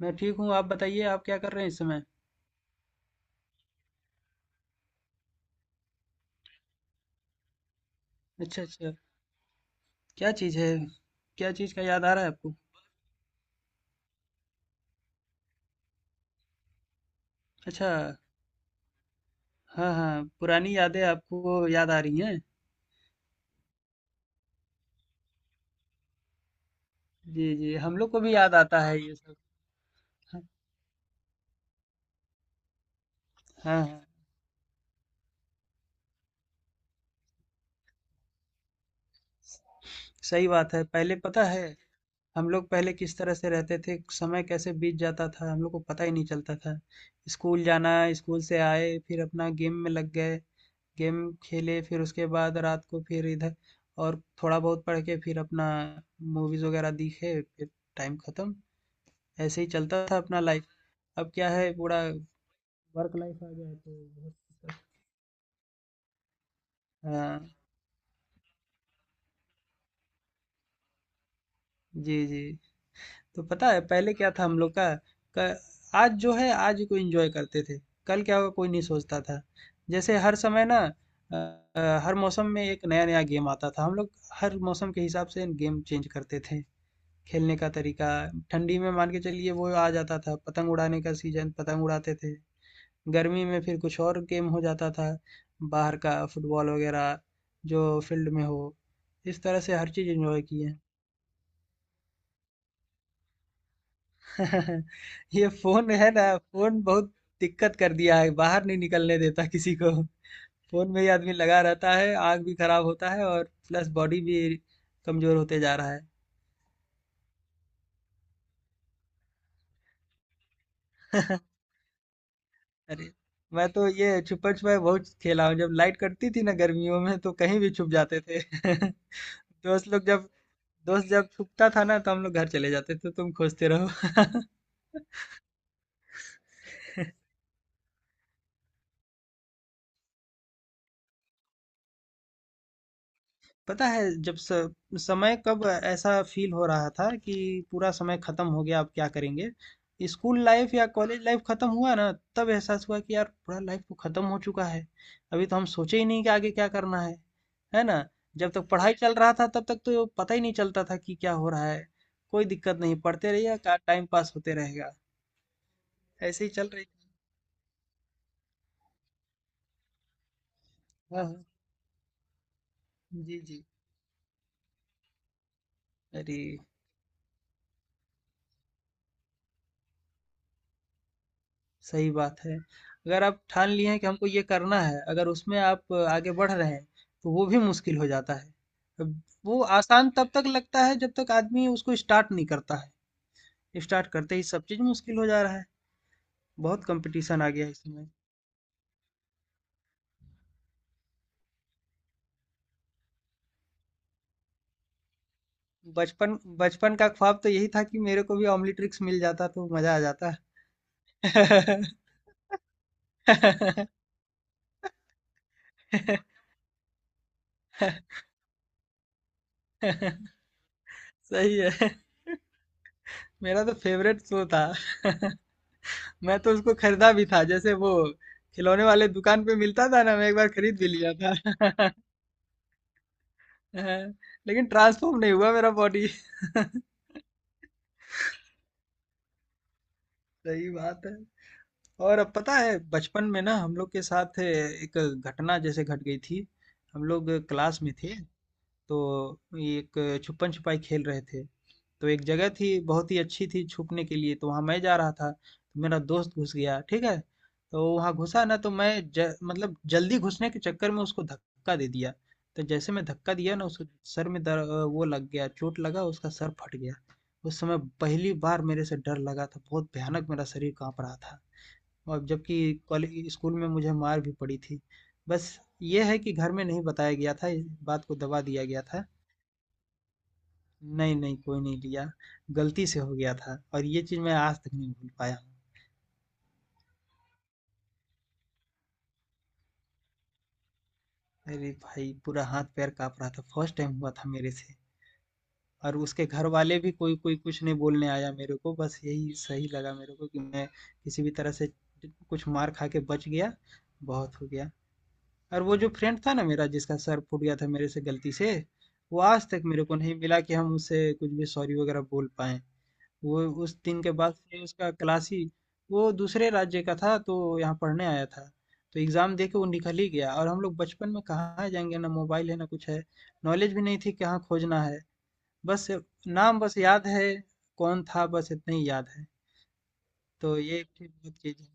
मैं ठीक हूँ। आप बताइए, आप क्या कर रहे हैं इस समय? अच्छा, अच्छा। क्या चीज़ है? क्या चीज़ का याद आ रहा है आपको? अच्छा। हाँ, हाँ, पुरानी यादें आपको याद आ रही हैं। जी, जी, हम लोग को भी याद आता है ये सब। हाँ, हाँ, हाँ। सही बात है। पहले पता है, हम लोग पहले किस तरह से रहते थे, समय कैसे बीत जाता था, हम लोग को पता ही नहीं चलता था। स्कूल जाना, स्कूल से आए, फिर अपना गेम में लग गए, गेम खेले, फिर उसके बाद रात को फिर इधर और थोड़ा बहुत पढ़ के फिर अपना मूवीज़ वगैरह देखे, फिर टाइम ख़त्म। ऐसे ही चलता था अपना लाइफ। अब क्या है, पूरा वर्क लाइफ आ गया है तो बहुत। हाँ, जी, जी। तो पता है पहले क्या था हम लोग का, क आज जो है आज को एन्जॉय करते थे, कल क्या होगा कोई नहीं सोचता था। जैसे हर समय ना हर मौसम में एक नया-नया गेम आता था, हम लोग हर मौसम के हिसाब से गेम चेंज करते थे। खेलने का तरीका, ठंडी में मान के चलिए वो आ जाता था पतंग उड़ाने का सीज़न, पतंग उड़ाते थे। गर्मी में फिर कुछ और गेम हो जाता था, बाहर का फुटबॉल वगैरह जो फील्ड में हो। इस तरह से हर चीज़ एन्जॉय किए। ये फोन है ना, फोन बहुत दिक्कत कर दिया है, बाहर नहीं निकलने देता किसी को। फोन में ही आदमी लगा रहता है, आंख भी खराब होता है और प्लस बॉडी भी कमजोर होते जा रहा है। अरे, मैं तो ये छुपन छुपाई बहुत खेला हूँ, जब लाइट कटती थी ना गर्मियों में तो कहीं भी छुप जाते थे। दोस्त लोग जब दोस्त जब छुपता था ना तो हम लोग घर चले जाते थे, तो तुम खोजते रहो। पता है, जब समय कब ऐसा फील हो रहा था कि पूरा समय खत्म हो गया, अब क्या करेंगे। स्कूल लाइफ या कॉलेज लाइफ खत्म हुआ ना, तब एहसास हुआ कि यार पूरा लाइफ तो खत्म हो चुका है। अभी तो हम सोचे ही नहीं कि आगे क्या करना है ना। जब तक पढ़ाई चल रहा था तब तक तो पता ही नहीं चलता था कि क्या हो रहा है। कोई दिक्कत नहीं, पढ़ते रहिए का, टाइम पास होते रहेगा। ऐसे ही चल रही। हाँ, हाँ। जी, जी। अरे, सही बात है। अगर आप ठान लिए हैं कि हमको ये करना है, अगर उसमें आप आगे बढ़ रहे हैं, तो वो भी मुश्किल हो जाता है। अब वो आसान तब तक लगता है जब तक आदमी उसको स्टार्ट नहीं करता है। स्टार्ट करते ही सब चीज़ मुश्किल हो जा रहा है। बहुत कॉम्पिटिशन आ गया है इस समय। बचपन, बचपन का ख्वाब तो यही था कि मेरे को भी ऑम्निट्रिक्स मिल जाता तो मज़ा आ जाता। सही है। मेरा तो फेवरेट शो था। मैं तो उसको खरीदा भी था, जैसे वो खिलौने वाले दुकान पे मिलता था ना, मैं एक बार खरीद भी लिया था। लेकिन ट्रांसफॉर्म नहीं हुआ मेरा बॉडी। सही बात है। और अब पता है बचपन में ना हम लोग के साथ एक घटना जैसे घट गई थी। हम लोग क्लास में थे, तो ये एक छुपन छुपाई खेल रहे थे। तो एक जगह थी बहुत ही अच्छी थी छुपने के लिए, तो वहाँ मैं जा रहा था, तो मेरा दोस्त घुस गया, ठीक है। तो वहाँ घुसा ना, तो मैं मतलब जल्दी घुसने के चक्कर में उसको धक्का दे दिया। तो जैसे मैं धक्का दिया ना उसको सर में वो लग गया, चोट लगा, उसका सर फट गया। उस समय पहली बार मेरे से डर लगा था, बहुत भयानक, मेरा शरीर कांप रहा था। और जबकि कॉलेज स्कूल में मुझे मार भी पड़ी थी, बस ये है कि घर में नहीं बताया गया था, इस बात को दबा दिया गया था। नहीं, नहीं, कोई नहीं लिया, गलती से हो गया था और ये चीज़ मैं आज तक नहीं भूल पाया हूँ। अरे भाई! पूरा हाथ-पैर काँप रहा था, फर्स्ट टाइम हुआ था मेरे से। और उसके घरवाले भी कोई कोई कुछ नहीं बोलने आया मेरे को, बस यही सही लगा मेरे को कि मैं किसी भी तरह से कुछ मार खा के बच गया, बहुत हो गया। और वो जो फ्रेंड था ना मेरा जिसका सर फूट गया था मेरे से गलती से, वो आज तक मेरे को नहीं मिला कि हम उससे कुछ भी सॉरी वगैरह बोल पाएँ। वो उस दिन के बाद से उसका क्लास ही, वो दूसरे राज्य का था तो यहाँ पढ़ने आया था। तो एग्ज़ाम दे के वो निकल ही गया, और हम लोग बचपन में कहाँ जाएंगे, ना मोबाइल है ना कुछ है। नॉलेज भी नहीं थी कहाँ खोजना है। बस नाम बस याद है, कौन था बस इतना ही याद है। तो ये एक ठीक बहुत चीज़ है।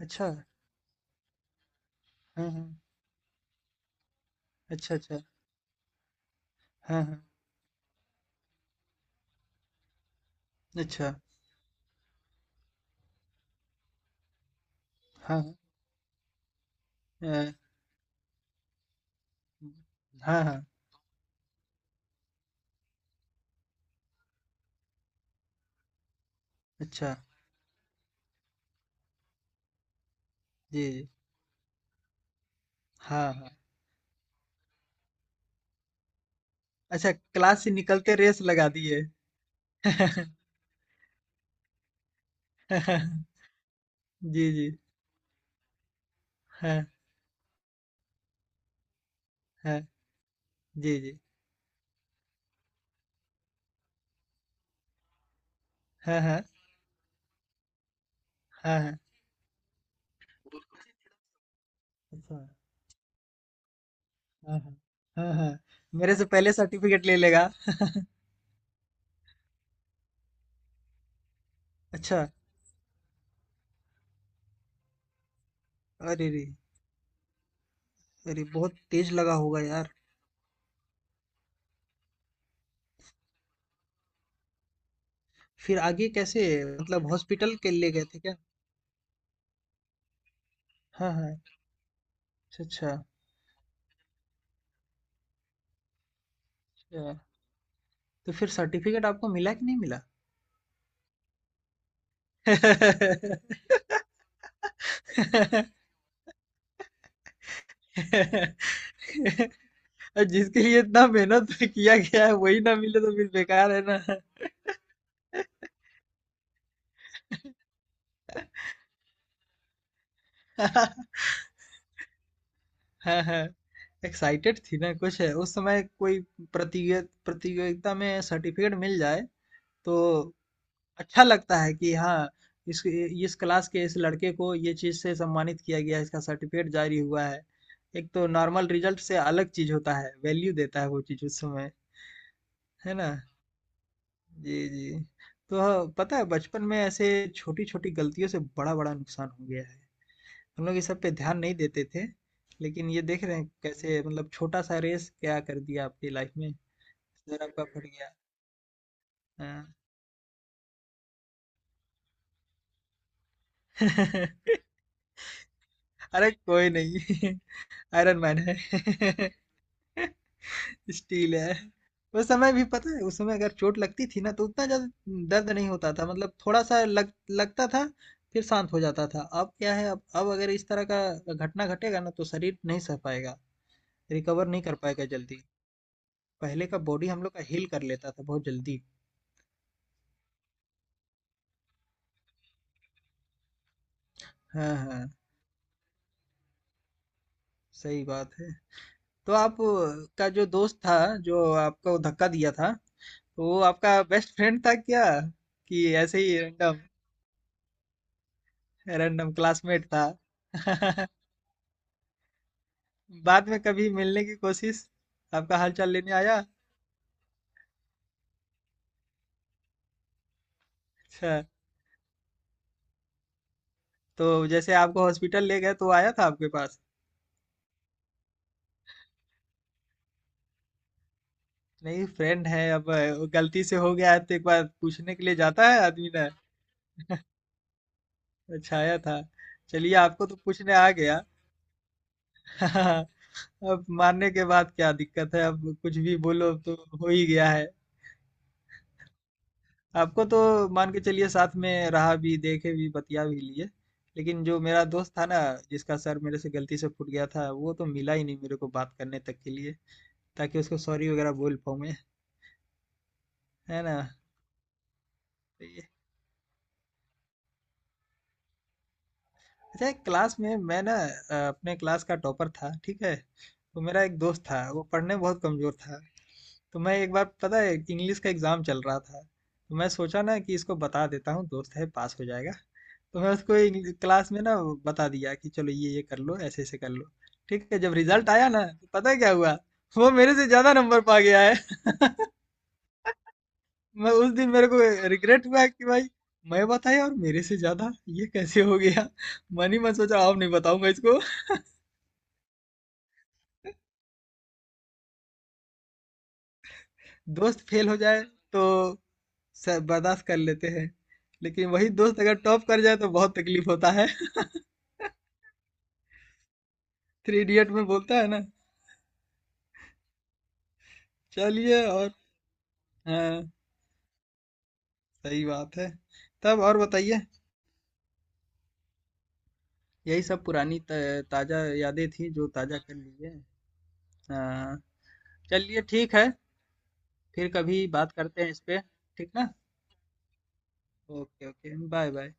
अच्छा। हाँ, हाँ। अच्छा, अच्छा। हाँ, हाँ। अच्छा। हाँ, हाँ। अ, हाँ, हाँ। अच्छा। जी, जी। हाँ, हाँ। अच्छा, क्लास से निकलते रेस लगा दिए। जी, जी। हाँ, हाँ, जी, जी। हाँ, हाँ, हाँ, हाँ। अच्छा, हाँ, हाँ, हाँ, हाँ। मेरे से पहले सर्टिफिकेट ले लेगा। अच्छा, अरे रे, अरे बहुत तेज लगा होगा यार। फिर आगे कैसे, मतलब हॉस्पिटल के लिए गए थे क्या? हाँ, हाँ, अच्छा, अच्छा, अच्छा। तो फिर सर्टिफिकेट आपको मिला कि नहीं मिला? जिसके लिए इतना मेहनत किया गया है वही ना मिले तो फिर बेकार है ना। हाँ, हाँ। एक्साइटेड थी ना कुछ, है उस समय कोई प्रतियोगिता, प्रतियोगिता में सर्टिफिकेट मिल जाए तो अच्छा लगता है कि हाँ, इस क्लास के इस लड़के को ये चीज से सम्मानित किया गया, इसका सर्टिफिकेट जारी हुआ है। एक तो नॉर्मल रिजल्ट से अलग चीज होता है, वैल्यू देता है वो चीज उस समय, है ना। जी, जी। तो हाँ, पता है बचपन में ऐसे छोटी छोटी गलतियों से बड़ा बड़ा नुकसान हो गया है। हम लोग इस सब पे ध्यान नहीं देते थे, लेकिन ये देख रहे हैं कैसे, मतलब छोटा सा रेस क्या कर दिया आपकी लाइफ में, सर आपका फट गया। हाँ। अरे कोई नहीं। आयरन मैन है। स्टील है। उस समय भी पता है, उस समय अगर चोट लगती थी ना तो उतना ज्यादा दर्द नहीं होता था, मतलब थोड़ा सा लग लगता था, फिर शांत हो जाता था। अब क्या है, अब अगर इस तरह का घटना घटेगा ना तो शरीर नहीं सह पाएगा, रिकवर नहीं कर पाएगा जल्दी। पहले का बॉडी हम लोग का हील कर लेता था बहुत जल्दी। हाँ, हाँ, सही बात है। तो आप का जो दोस्त था जो आपको धक्का दिया था, तो वो आपका बेस्ट फ्रेंड था क्या? कि ऐसे ही रैंडम रैंडम क्लासमेट था? बाद में कभी मिलने की कोशिश, आपका हालचाल लेने आया? अच्छा, तो जैसे आपको हॉस्पिटल ले गए तो आया था आपके पास? नहीं फ्रेंड है, अब गलती से हो गया है तो एक बार पूछने के लिए जाता है आदमी ना। अच्छा, आया था। चलिए, आपको तो पूछने आ गया। हाँ, अब मानने के बाद क्या दिक्कत है, अब कुछ भी बोलो तो, हो ही गया है। आपको तो मान के चलिए, साथ में रहा भी, देखे भी, बतिया भी लिए, लेकिन जो मेरा दोस्त था ना, जिसका सर मेरे से गलती से फूट गया था, वो तो मिला ही नहीं मेरे को बात करने तक के लिए, ताकि उसको सॉरी वगैरह बोल पाऊँ मैं, है ना। अच्छा, एक क्लास में मैं ना अपने क्लास का टॉपर था, ठीक है। तो मेरा एक दोस्त था, वो पढ़ने में बहुत कमजोर था। तो मैं एक बार, पता है, इंग्लिश का एग्जाम चल रहा था, तो मैं सोचा ना कि इसको बता देता हूँ, दोस्त है, पास हो जाएगा। तो मैं उसको क्लास में ना वो बता दिया कि चलो ये कर लो, ऐसे ऐसे कर लो। ठीक है, जब रिजल्ट आया ना तो पता है क्या हुआ, वो मेरे से ज्यादा नंबर पा गया है। मैं उस दिन, मेरे को रिग्रेट हुआ कि भाई, मैं बताया और मेरे से ज्यादा, ये कैसे हो गया। मन ही मन सोचा, अब नहीं बताऊंगा इसको। दोस्त फेल हो जाए तो बर्दाश्त कर लेते हैं, लेकिन वही दोस्त अगर टॉप कर जाए तो बहुत तकलीफ होता है। थ्री इडियट में बोलता है ना। चलिए और, हाँ, सही बात है। तब और बताइए। यही सब ताजा यादें थी, जो ताजा कर लीजिए। हाँ। चलिए, ठीक है, फिर कभी बात करते हैं इस पे, ठीक ना। Okay, okay, bye, bye.